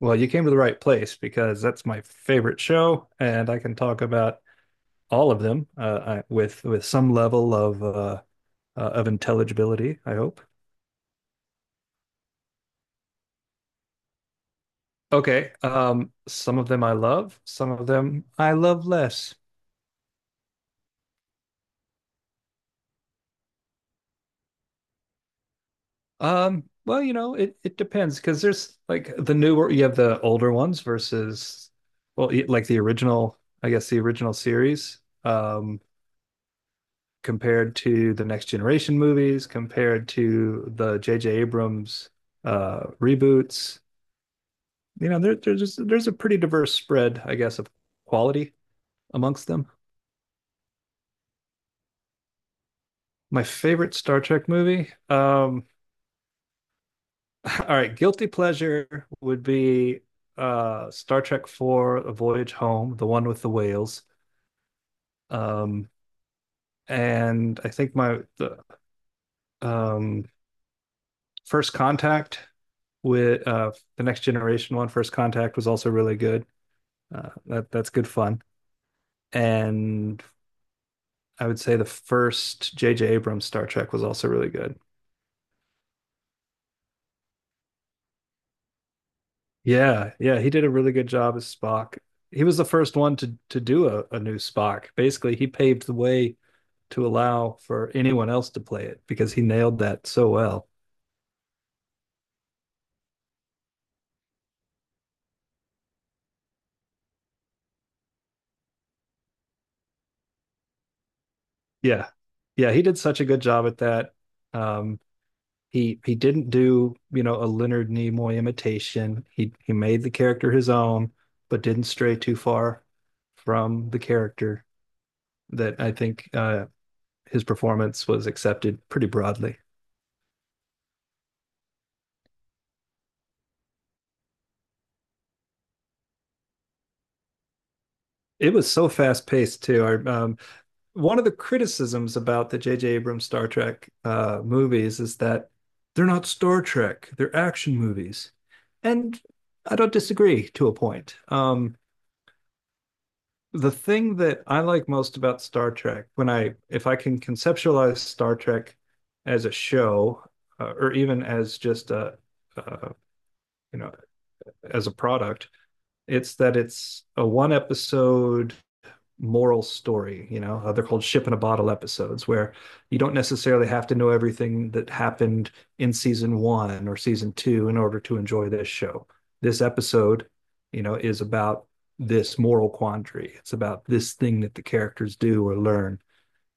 Well, you came to the right place because that's my favorite show, and I can talk about all of them with some level of intelligibility, I hope. Okay, some of them I love, some of them I love less. Well, it depends because there's like the newer, you have the older ones versus, well, like the original, I guess the original series. Um, Compared to the next generation movies, compared to the J.J. Abrams reboots. There's a pretty diverse spread, I guess, of quality amongst them. My favorite Star Trek movie. All right, guilty pleasure would be Star Trek Four: A Voyage Home, the one with the whales. Um, and I think my the um, first contact with the next generation one, First Contact was also really good. That's good fun. And I would say the first J.J. Abrams Star Trek was also really good. Yeah, yeah, he did a really good job as Spock. He was the first one to do a new Spock. Basically, he paved the way to allow for anyone else to play it because he nailed that so well. Yeah, yeah, he did such a good job at that. Um, he didn't do, a Leonard Nimoy imitation. He made the character his own, but didn't stray too far from the character that I think his performance was accepted pretty broadly. It was so fast paced too. One of the criticisms about the J.J. Abrams Star Trek movies is that they're not Star Trek; they're action movies, and I don't disagree to a point. The thing that I like most about Star Trek, when I if I can conceptualize Star Trek as a show or even as just a uh, you know as a product, it's that it's a one episode moral story. They're called ship in a bottle episodes where you don't necessarily have to know everything that happened in season one or season two in order to enjoy this show. This episode, is about this moral quandary. It's about this thing that the characters do or learn,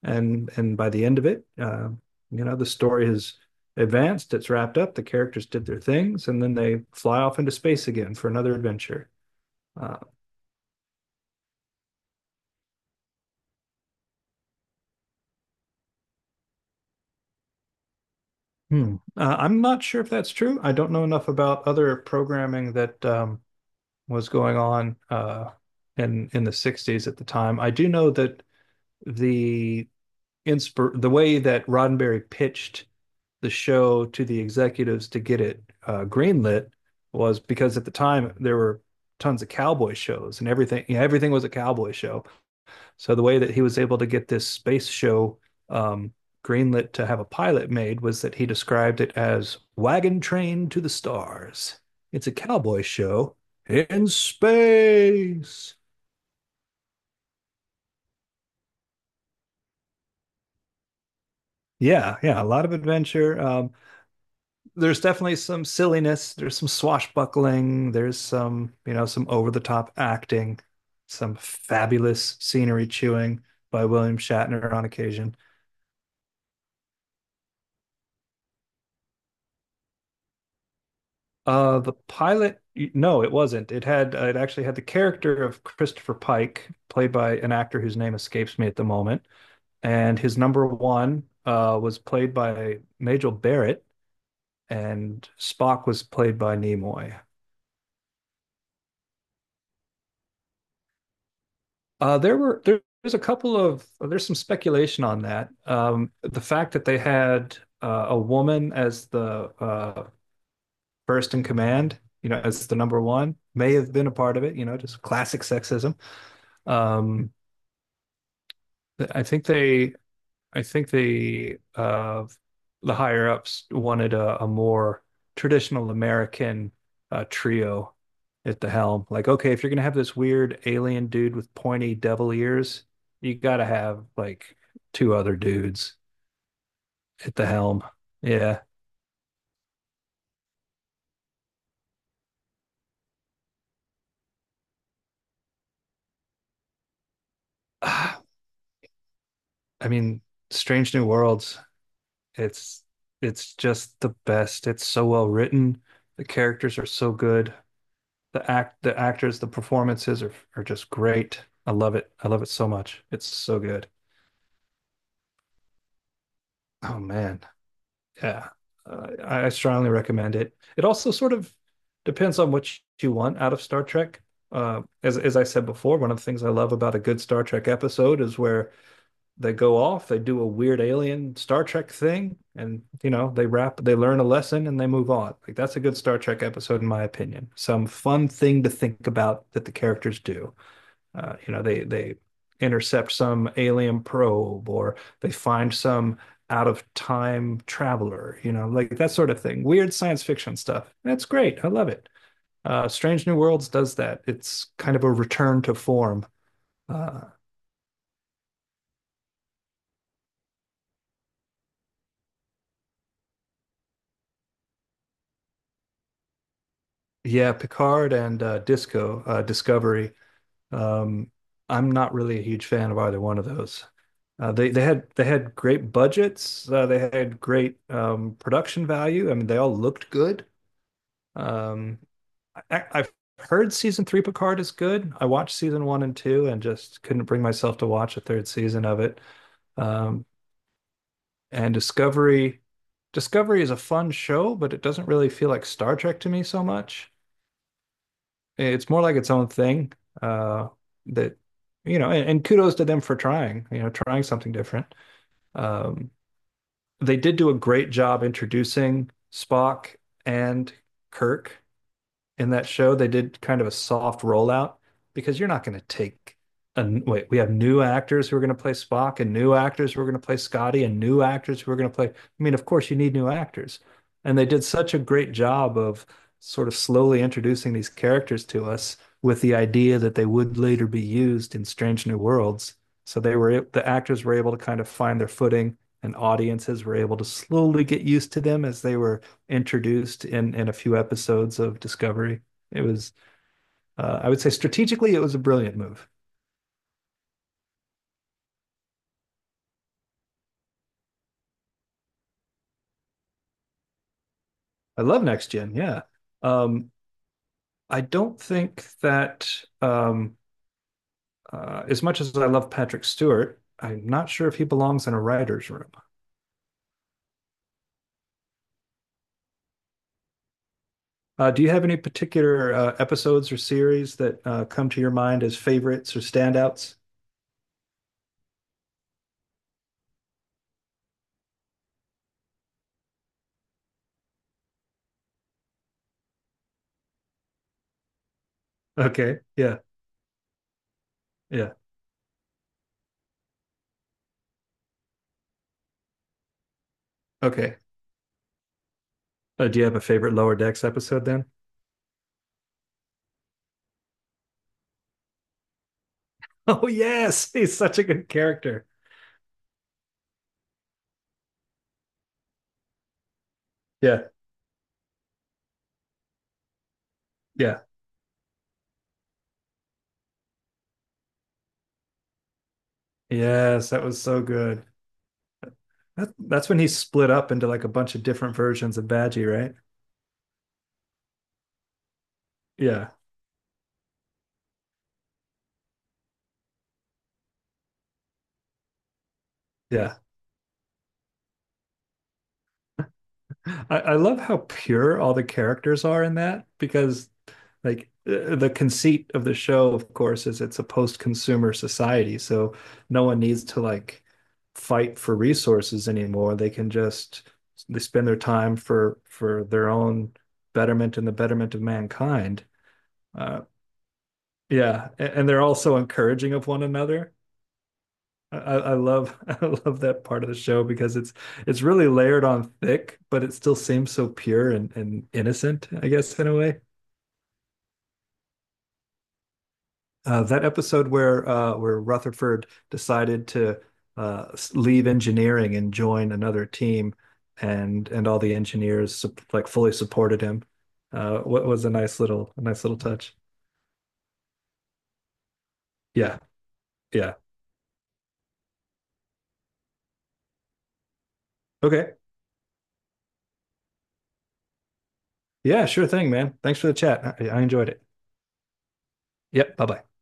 and by the end of it, the story has advanced. It's wrapped up. The characters did their things, and then they fly off into space again for another adventure. Uh, Hmm. I'm not sure if that's true. I don't know enough about other programming that was going on in the 60s at the time. I do know that the the way that Roddenberry pitched the show to the executives to get it greenlit was because at the time there were tons of cowboy shows and everything. Yeah, everything was a cowboy show. So the way that he was able to get this space show um, greenlit to have a pilot made was that he described it as Wagon Train to the Stars. It's a cowboy show in space. Yeah, yeah, a lot of adventure. There's definitely some silliness. There's some swashbuckling. There's some, some over the top acting, some fabulous scenery chewing by William Shatner on occasion. The pilot, no, it wasn't. It actually had the character of Christopher Pike, played by an actor whose name escapes me at the moment, and his number one was played by Majel Barrett, and Spock was played by Nimoy. There were there, there's a couple of There's some speculation on that. The fact that they had a woman as the first in command, as the number one, may have been a part of it. Just classic sexism. Um I think they, I think they, uh, the higher ups wanted a more traditional American trio at the helm. Like, okay, if you're gonna have this weird alien dude with pointy devil ears, you gotta have like two other dudes at the helm. Yeah. I mean, Strange New Worlds, it's it's just the best. It's so well written. The characters are so good. The actors, the performances are just great. I love it, I love it so much. It's so good. Oh man, yeah, I strongly recommend It also sort of depends on what you want out of Star Trek. As I said before, one of the things I love about a good Star Trek episode is where they go off, they do a weird alien Star Trek thing, and they learn a lesson and they move on. Like, that's a good Star Trek episode in my opinion, some fun thing to think about that the characters do. They intercept some alien probe or they find some out of time traveler, like that sort of thing. Weird science fiction stuff. That's great. I love it. Strange New Worlds does that. It's kind of a return to form. Uh, yeah, Picard and Discovery. Um, I'm not really a huge fan of either one of those. They had great budgets. They had great production value. I mean, they all looked good. Um, I've heard season three Picard is good. I watched season one and two and just couldn't bring myself to watch a third season of it. Um, and Discovery is a fun show, but it doesn't really feel like Star Trek to me so much. It's more like its own thing. Uh, that you know, and kudos to them for trying. Trying something different. Um, they did do a great job introducing Spock and Kirk in that show. They did kind of a soft rollout because you're not going to take a, wait. We have new actors who are going to play Spock and new actors who are going to play Scotty and new actors who are going to play. I mean, of course, you need new actors. And they did such a great job of sort of slowly introducing these characters to us with the idea that they would later be used in Strange New Worlds. So the actors were able to kind of find their footing, and audiences were able to slowly get used to them as they were introduced in a few episodes of Discovery. It was, I would say, strategically, it was a brilliant move. I love Next Gen, yeah. Um, I don't think that um, as much as I love Patrick Stewart, I'm not sure if he belongs in a writer's room. Do you have any particular episodes or series that come to your mind as favorites or standouts? Okay. Yeah. Yeah. Okay. Do you have a favorite Lower Decks episode then? Oh, yes. He's such a good character. Yeah. Yeah. Yes. That was so good. That's when he split up into like a bunch of different versions of Badgie, right? Yeah. Yeah. I love how pure all the characters are in that because like the conceit of the show, of course, is it's a post-consumer society, so no one needs to like fight for resources anymore. They can just they spend their time for their own betterment and the betterment of mankind. Uh, yeah, and, they're also encouraging of one another. I love I love that part of the show because it's really layered on thick, but it still seems so pure and innocent, I guess, in a way. That episode where where Rutherford decided to uh, leave engineering and join another team, and all the engineers like fully supported him. What was a nice little, touch. Yeah, yeah. Okay. Yeah, sure thing, man. Thanks for the chat. I enjoyed it. Yep. Bye bye.